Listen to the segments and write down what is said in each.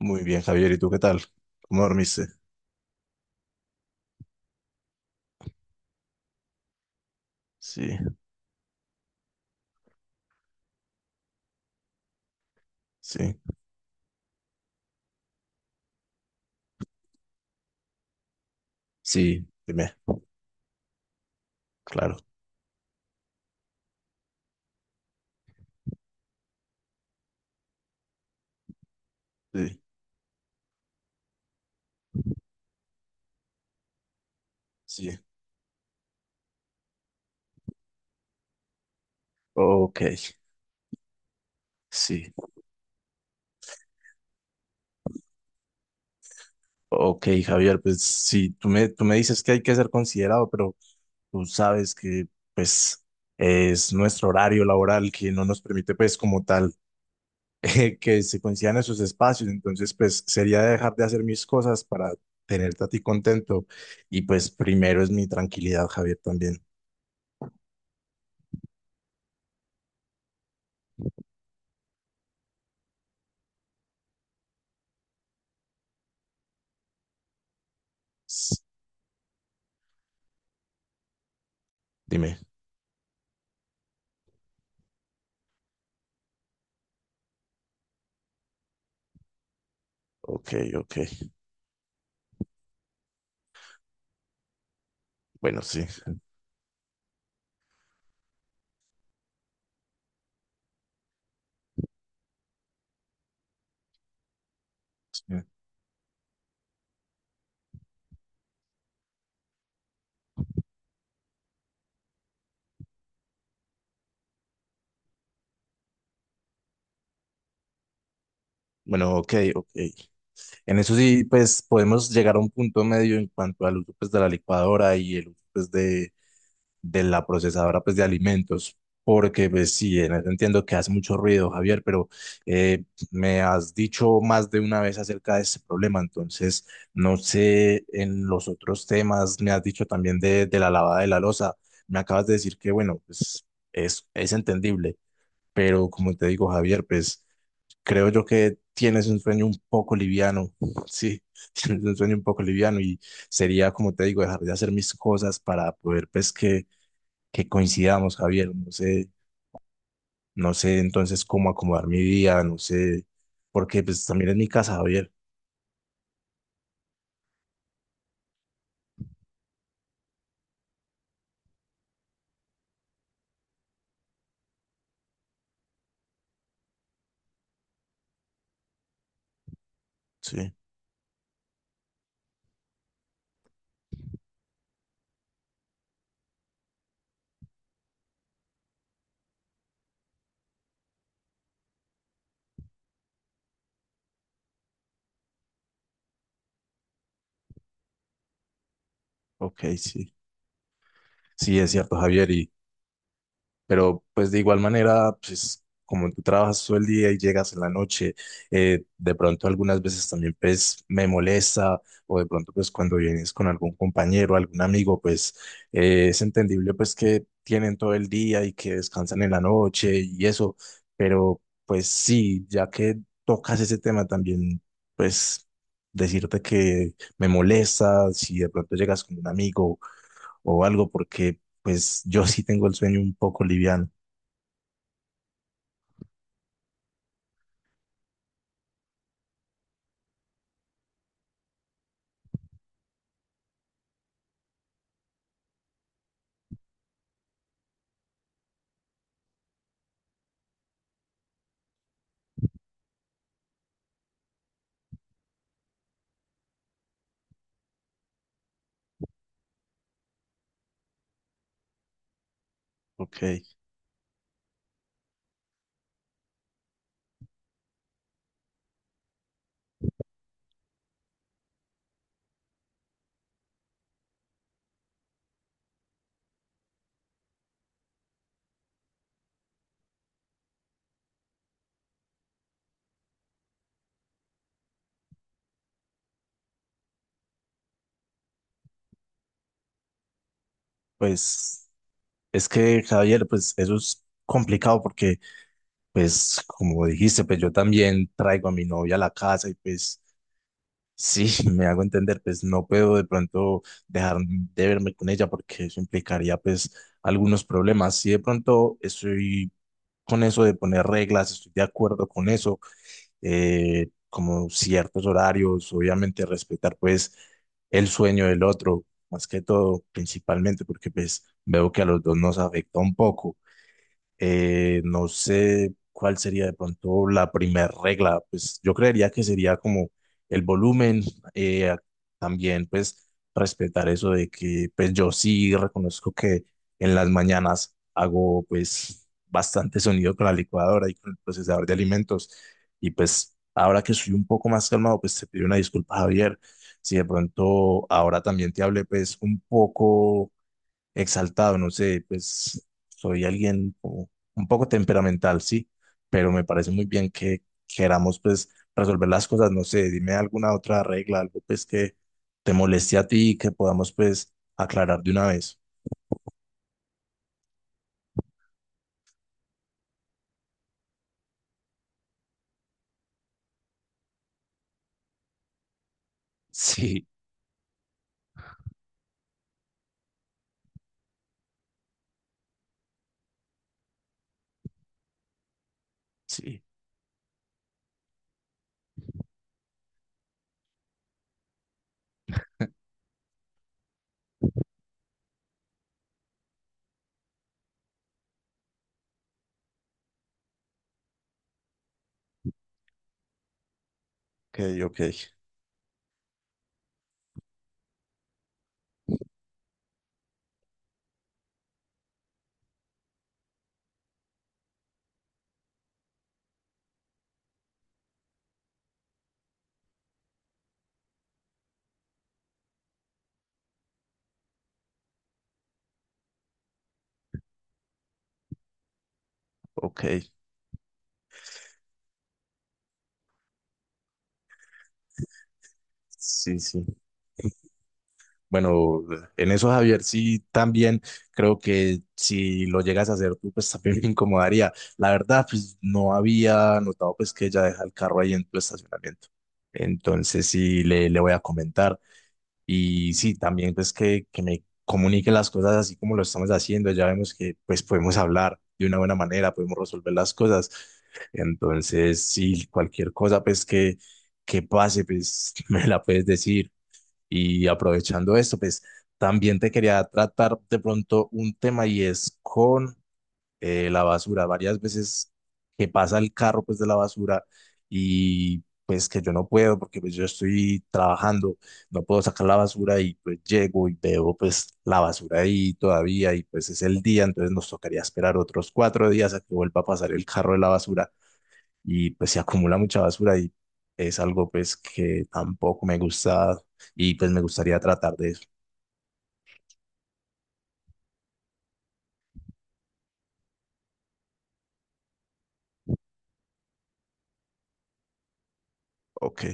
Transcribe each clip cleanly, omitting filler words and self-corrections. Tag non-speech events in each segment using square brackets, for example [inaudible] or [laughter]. Muy bien, Javier, ¿y tú qué tal? ¿Cómo dormiste? Sí, sí, sí, dime, claro, sí, sí. Ok, sí, ok, Javier, pues sí, tú me dices que hay que ser considerado, pero tú sabes que pues es nuestro horario laboral que no nos permite pues como tal [laughs] que se coincidan esos espacios, entonces pues sería dejar de hacer mis cosas para tenerte a ti contento y pues primero es mi tranquilidad, Javier, también. S- Dime, ok, ok. Bueno, sí. Sí. Bueno, ok, ok. En eso sí, pues podemos llegar a un punto medio en cuanto al uso pues, de la licuadora y el uso pues, de la procesadora pues, de alimentos, porque pues, sí, en eso entiendo que hace mucho ruido, Javier, pero eh, me has dicho más de una vez acerca de ese problema, entonces no sé, en los otros temas me has dicho también de la lavada de la losa, me acabas de decir que bueno, pues es entendible, pero como te digo, Javier, pues creo yo que tienes un sueño un poco liviano, sí, [laughs] tienes un sueño un poco liviano y sería, como te digo, dejar de hacer mis cosas para poder, pues, que coincidamos, Javier, no sé entonces cómo acomodar mi día, no sé, porque pues también es mi casa, Javier. Sí, ok, sí. Sí, es cierto, Javier. Pero pues de igual manera, pues como tú trabajas todo el día y llegas en la noche, de pronto algunas veces también pues me molesta o de pronto pues cuando vienes con algún compañero, algún amigo, pues es entendible pues que tienen todo el día y que descansan en la noche y eso, pero pues sí, ya que tocas ese tema también, pues decirte que me molesta si de pronto llegas con un amigo o algo porque pues yo sí tengo el sueño un poco liviano. Ok, pues es que, Javier, pues eso es complicado porque, pues como dijiste, pues yo también traigo a mi novia a la casa y pues sí, [laughs] me hago entender, pues no puedo de pronto dejar de verme con ella porque eso implicaría pues algunos problemas. Si de pronto estoy con eso de poner reglas, estoy de acuerdo con eso, como ciertos horarios, obviamente respetar pues el sueño del otro, más que todo, principalmente porque pues veo que a los dos nos afecta un poco. No sé cuál sería de pronto la primera regla. Pues yo creería que sería como el volumen. eh, También pues respetar eso de que pues yo sí reconozco que en las mañanas hago pues bastante sonido con la licuadora y con el procesador de alimentos. Y pues ahora que soy un poco más calmado, pues te pido una disculpa, Javier. Si de pronto ahora también te hablé pues un poco exaltado, no sé, pues soy alguien como un poco temperamental, sí, pero me parece muy bien que queramos pues resolver las cosas, no sé, dime alguna otra regla, algo pues que te moleste a ti y que podamos pues aclarar de una vez. Sí, sí, ok, ok, ok, sí, sí. Bueno, en eso, Javier, sí, también creo que si lo llegas a hacer tú, pues también me incomodaría. La verdad, pues no había notado pues que ella deja el carro ahí en tu estacionamiento. Entonces sí, le voy a comentar. Y sí, también pues que me comunique las cosas así como lo estamos haciendo. Ya vemos que pues podemos hablar de una buena manera, podemos resolver las cosas. Entonces sí, cualquier cosa pues que pase, pues [laughs] me la puedes decir y aprovechando esto, pues también te quería tratar de pronto un tema y es con la basura. Varias veces que pasa el carro pues de la basura y pues que yo no puedo porque pues yo estoy trabajando, no puedo sacar la basura y pues llego y veo pues la basura ahí todavía y pues es el día, entonces nos tocaría esperar otros 4 días a que vuelva a pasar el carro de la basura y pues se acumula mucha basura y es algo pues que tampoco me gusta y pues me gustaría tratar de eso. Ok,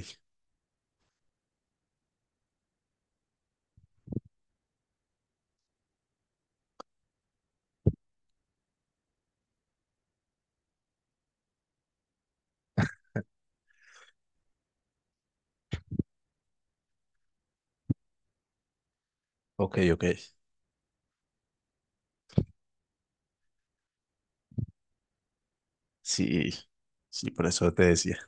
ok, ok. Sí, sí, por eso te decía.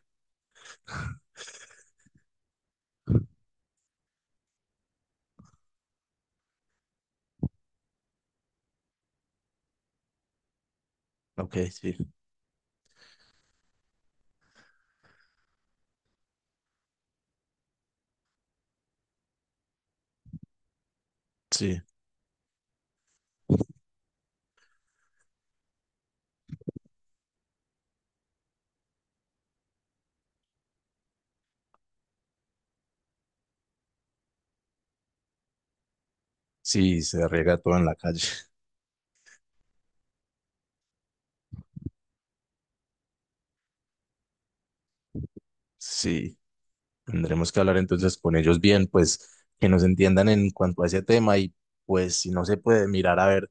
Ok, sí, sí, sí, se riega todo en la calle. [laughs] Sí, tendremos que hablar entonces con ellos bien, pues que nos entiendan en cuanto a ese tema y pues si no se puede mirar a ver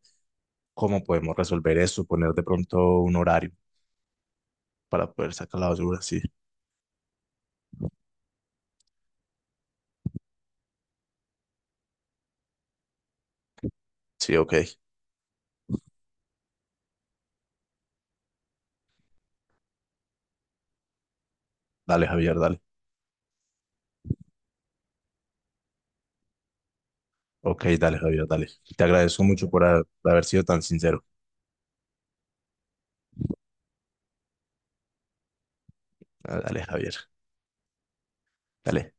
cómo podemos resolver eso, poner de pronto un horario para poder sacar la basura. Sí, sí, ok. Dale, Javier, dale. Ok, dale, Javier, dale. Te agradezco mucho por por haber sido tan sincero. Ah, dale, Javier, dale.